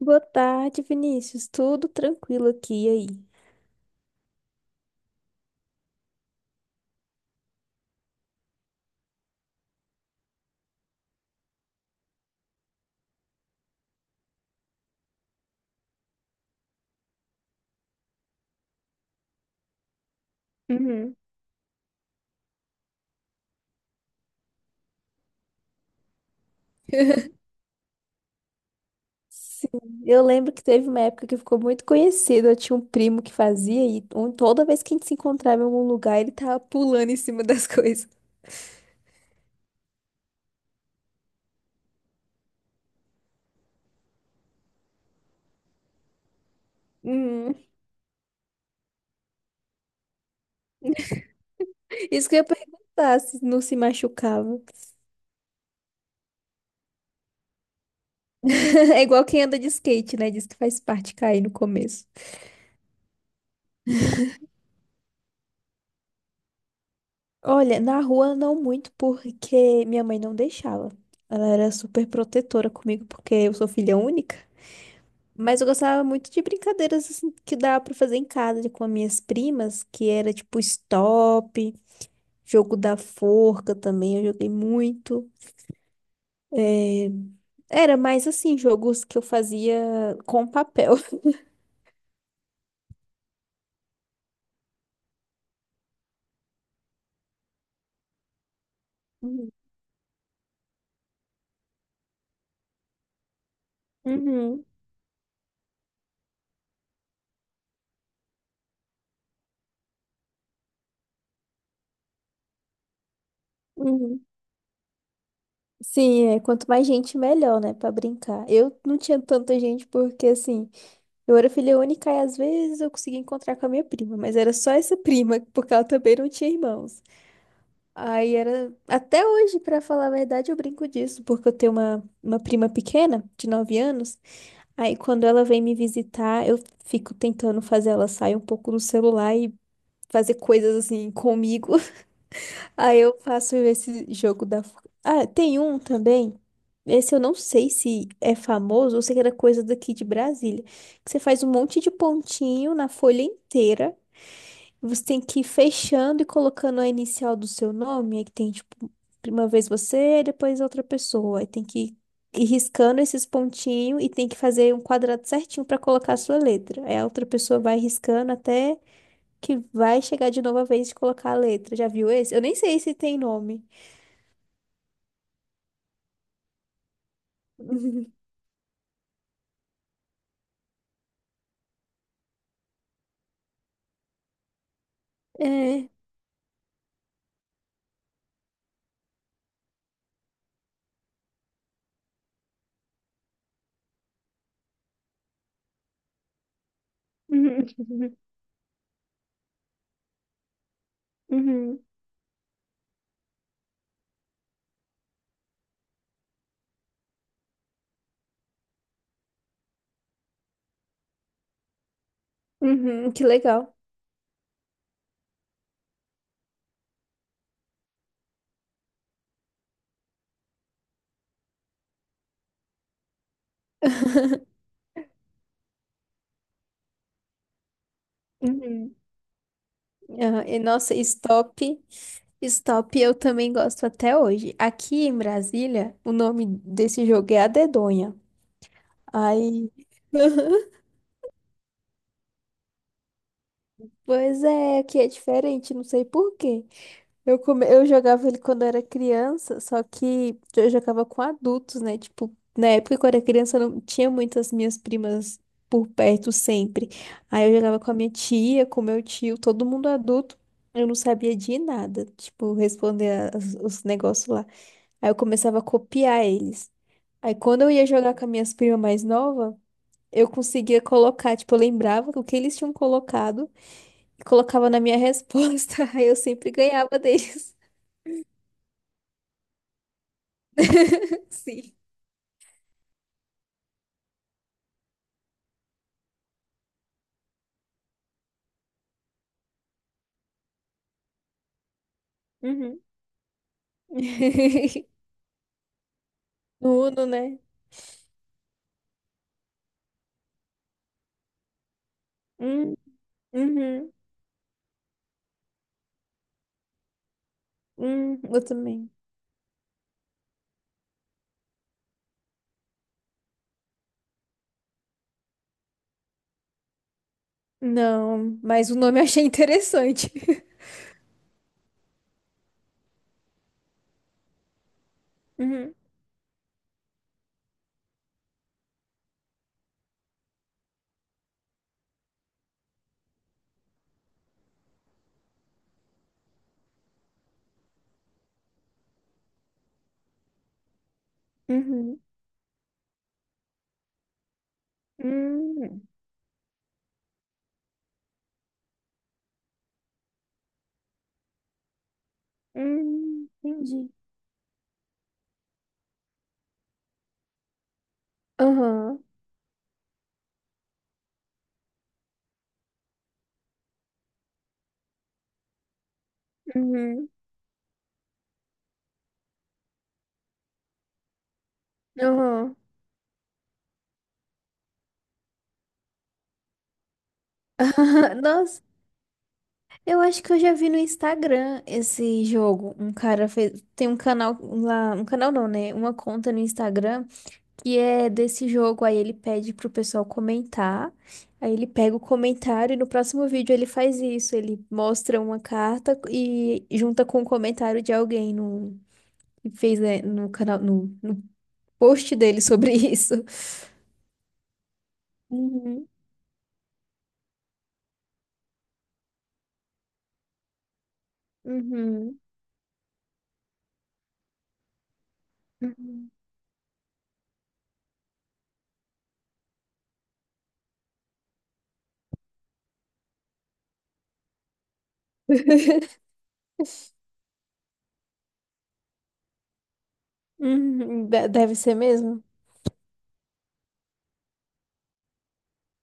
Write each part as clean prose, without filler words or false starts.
Boa tarde, Vinícius. Tudo tranquilo aqui e aí? Uhum. Sim. Eu lembro que teve uma época que ficou muito conhecido. Eu tinha um primo que fazia toda vez que a gente se encontrava em algum lugar, ele tava pulando em cima das coisas. Uhum. Isso que eu ia perguntar, se não se machucava. É igual quem anda de skate, né? Diz que faz parte cair no começo. Olha, na rua não muito, porque minha mãe não deixava. Ela era super protetora comigo, porque eu sou filha única. Mas eu gostava muito de brincadeiras assim que dava pra fazer em casa com as minhas primas, que era tipo stop, jogo da forca também, eu joguei muito. Era mais assim, jogos que eu fazia com papel. Uhum, uhum. Uhum. Sim, é, quanto mais gente, melhor, né, pra brincar. Eu não tinha tanta gente porque, assim, eu era filha única e às vezes eu conseguia encontrar com a minha prima, mas era só essa prima, porque ela também não tinha irmãos. Aí era. Até hoje, pra falar a verdade, eu brinco disso, porque eu tenho uma prima pequena, de 9 anos. Aí quando ela vem me visitar, eu fico tentando fazer ela sair um pouco do celular e fazer coisas assim comigo. Aí eu faço esse jogo da. Ah, tem um também. Esse eu não sei se é famoso, ou se era coisa daqui de Brasília. Que você faz um monte de pontinho na folha inteira. Você tem que ir fechando e colocando a inicial do seu nome. Aí que tem, tipo, uma vez você, depois outra pessoa. Aí tem que ir riscando esses pontinhos e tem que fazer um quadrado certinho para colocar a sua letra. Aí a outra pessoa vai riscando até que vai chegar de novo a vez de colocar a letra. Já viu esse? Eu nem sei se tem nome. É. Uhum. Uhum. Uhum. Que legal. Uhum. Ah, e nossa, stop. Stop, eu também gosto até hoje. Aqui em Brasília, o nome desse jogo é A Dedonha. Aí, pois é, aqui é diferente, não sei por quê. Eu jogava ele quando era criança, só que eu jogava com adultos, né? Tipo, na época quando era criança eu não tinha muitas minhas primas por perto sempre. Aí eu jogava com a minha tia, com meu tio, todo mundo adulto. Eu não sabia de nada, tipo, responder os negócios lá. Aí eu começava a copiar eles. Aí quando eu ia jogar com as minhas primas mais novas, eu conseguia colocar, tipo, eu lembrava o que eles tinham colocado e colocava na minha resposta. Aí eu sempre ganhava deles. Sim. Uhum. No Uno, né? Hum, uhum, eu também. Não, mas o nome eu achei interessante. Uhum, uhum, hum, entendi. Aham, uhum, aham. Nossa. Eu acho que eu já vi no Instagram esse jogo. Um cara fez. Tem um canal lá. Um canal não, né? Uma conta no Instagram que é desse jogo. Aí ele pede pro pessoal comentar. Aí ele pega o comentário e no próximo vídeo ele faz isso. Ele mostra uma carta e junta com o comentário de alguém que fez, né, no canal, no post dele sobre isso. Uhum, uhum, uhum. Uhum. Deve ser mesmo.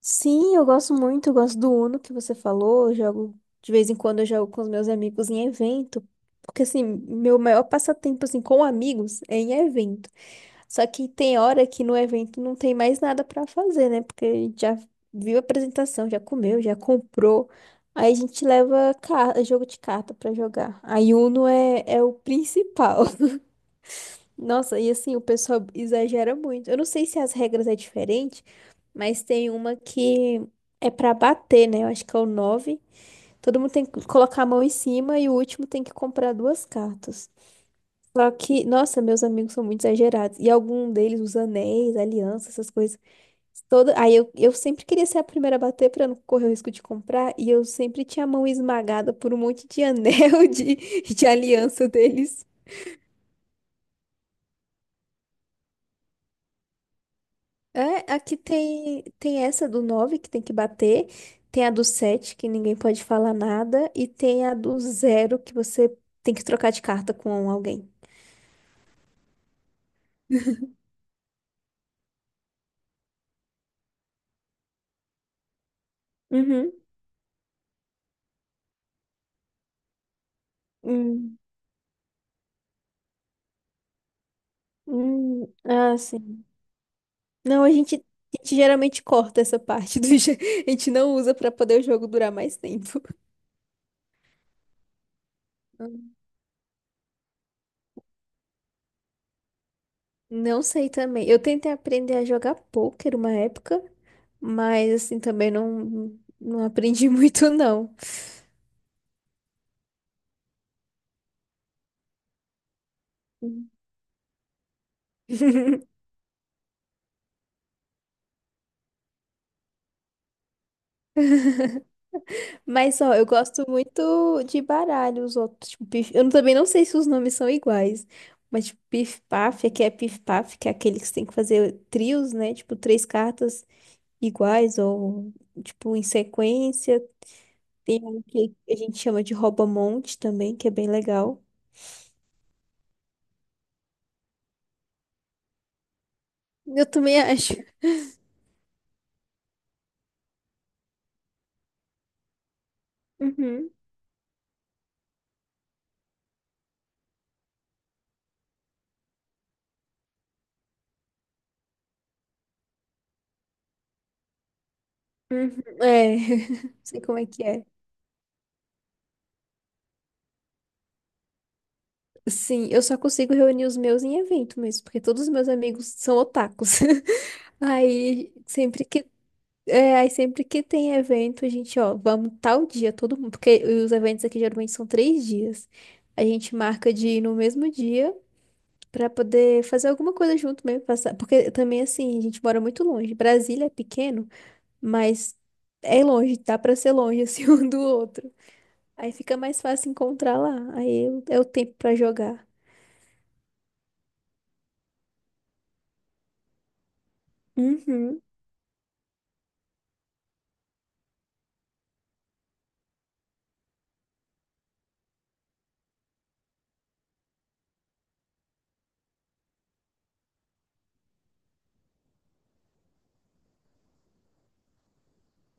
Sim, eu gosto muito, eu gosto do Uno que você falou, eu jogo de vez em quando eu jogo com os meus amigos em evento, porque assim, meu maior passatempo assim com amigos é em evento. Só que tem hora que no evento não tem mais nada pra fazer, né? Porque a gente já viu a apresentação, já comeu, já comprou. Aí a gente leva jogo de carta pra jogar. Aí Uno é o principal. Nossa, e assim, o pessoal exagera muito. Eu não sei se as regras é diferente, mas tem uma que é pra bater, né? Eu acho que é o nove. Todo mundo tem que colocar a mão em cima e o último tem que comprar duas cartas. Só que, nossa, meus amigos são muito exagerados. E algum deles, os anéis, alianças, essas coisas. Toda... Aí eu sempre queria ser a primeira a bater pra não correr o risco de comprar. E eu sempre tinha a mão esmagada por um monte de anel de, aliança deles. É, aqui tem essa do 9 que tem que bater, tem a do 7 que ninguém pode falar nada, e tem a do zero que você tem que trocar de carta com alguém. Uhum. Hum, ah, sim. Não, a gente geralmente corta essa parte do jogo. A gente não usa pra poder o jogo durar mais tempo. Hum. Não sei também. Eu tentei aprender a jogar pôquer uma época, mas assim também não, não aprendi muito, não. Hum. Mas, ó, eu gosto muito de baralho, os outros. Tipo, pif... Eu não- também não sei se os nomes são iguais. Mas, tipo, pif-paf, aqui é pif-paf, que é aquele que você tem que fazer trios, né? Tipo, três cartas iguais ou, tipo, em sequência. Tem um que a gente chama de rouba-monte também, que é bem legal. Eu também acho. Uhum, uhum. É, sei como é que é. Sim, eu só consigo reunir os meus em evento mesmo, porque todos os meus amigos são otakus. Aí, sempre que É, aí sempre que tem evento, a gente, ó, vamos tal dia, todo mundo, porque os eventos aqui geralmente são 3 dias. A gente marca de ir no mesmo dia pra poder fazer alguma coisa junto mesmo, passar, porque também assim, a gente mora muito longe. Brasília é pequeno, mas é longe, dá pra ser longe assim um do outro. Aí fica mais fácil encontrar lá. Aí é o tempo pra jogar. Uhum.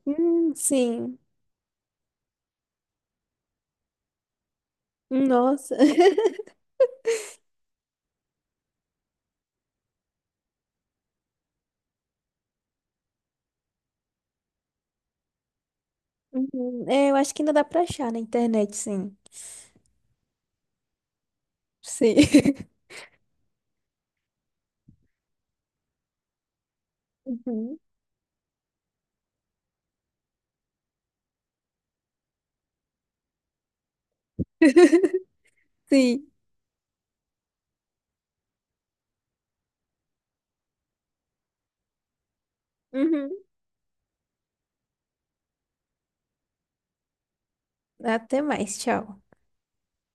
Sim. Nossa. Uhum. É, eu acho que ainda dá pra achar na internet, sim. Sim. Uhum. Sim. Uhum. Até mais, tchau.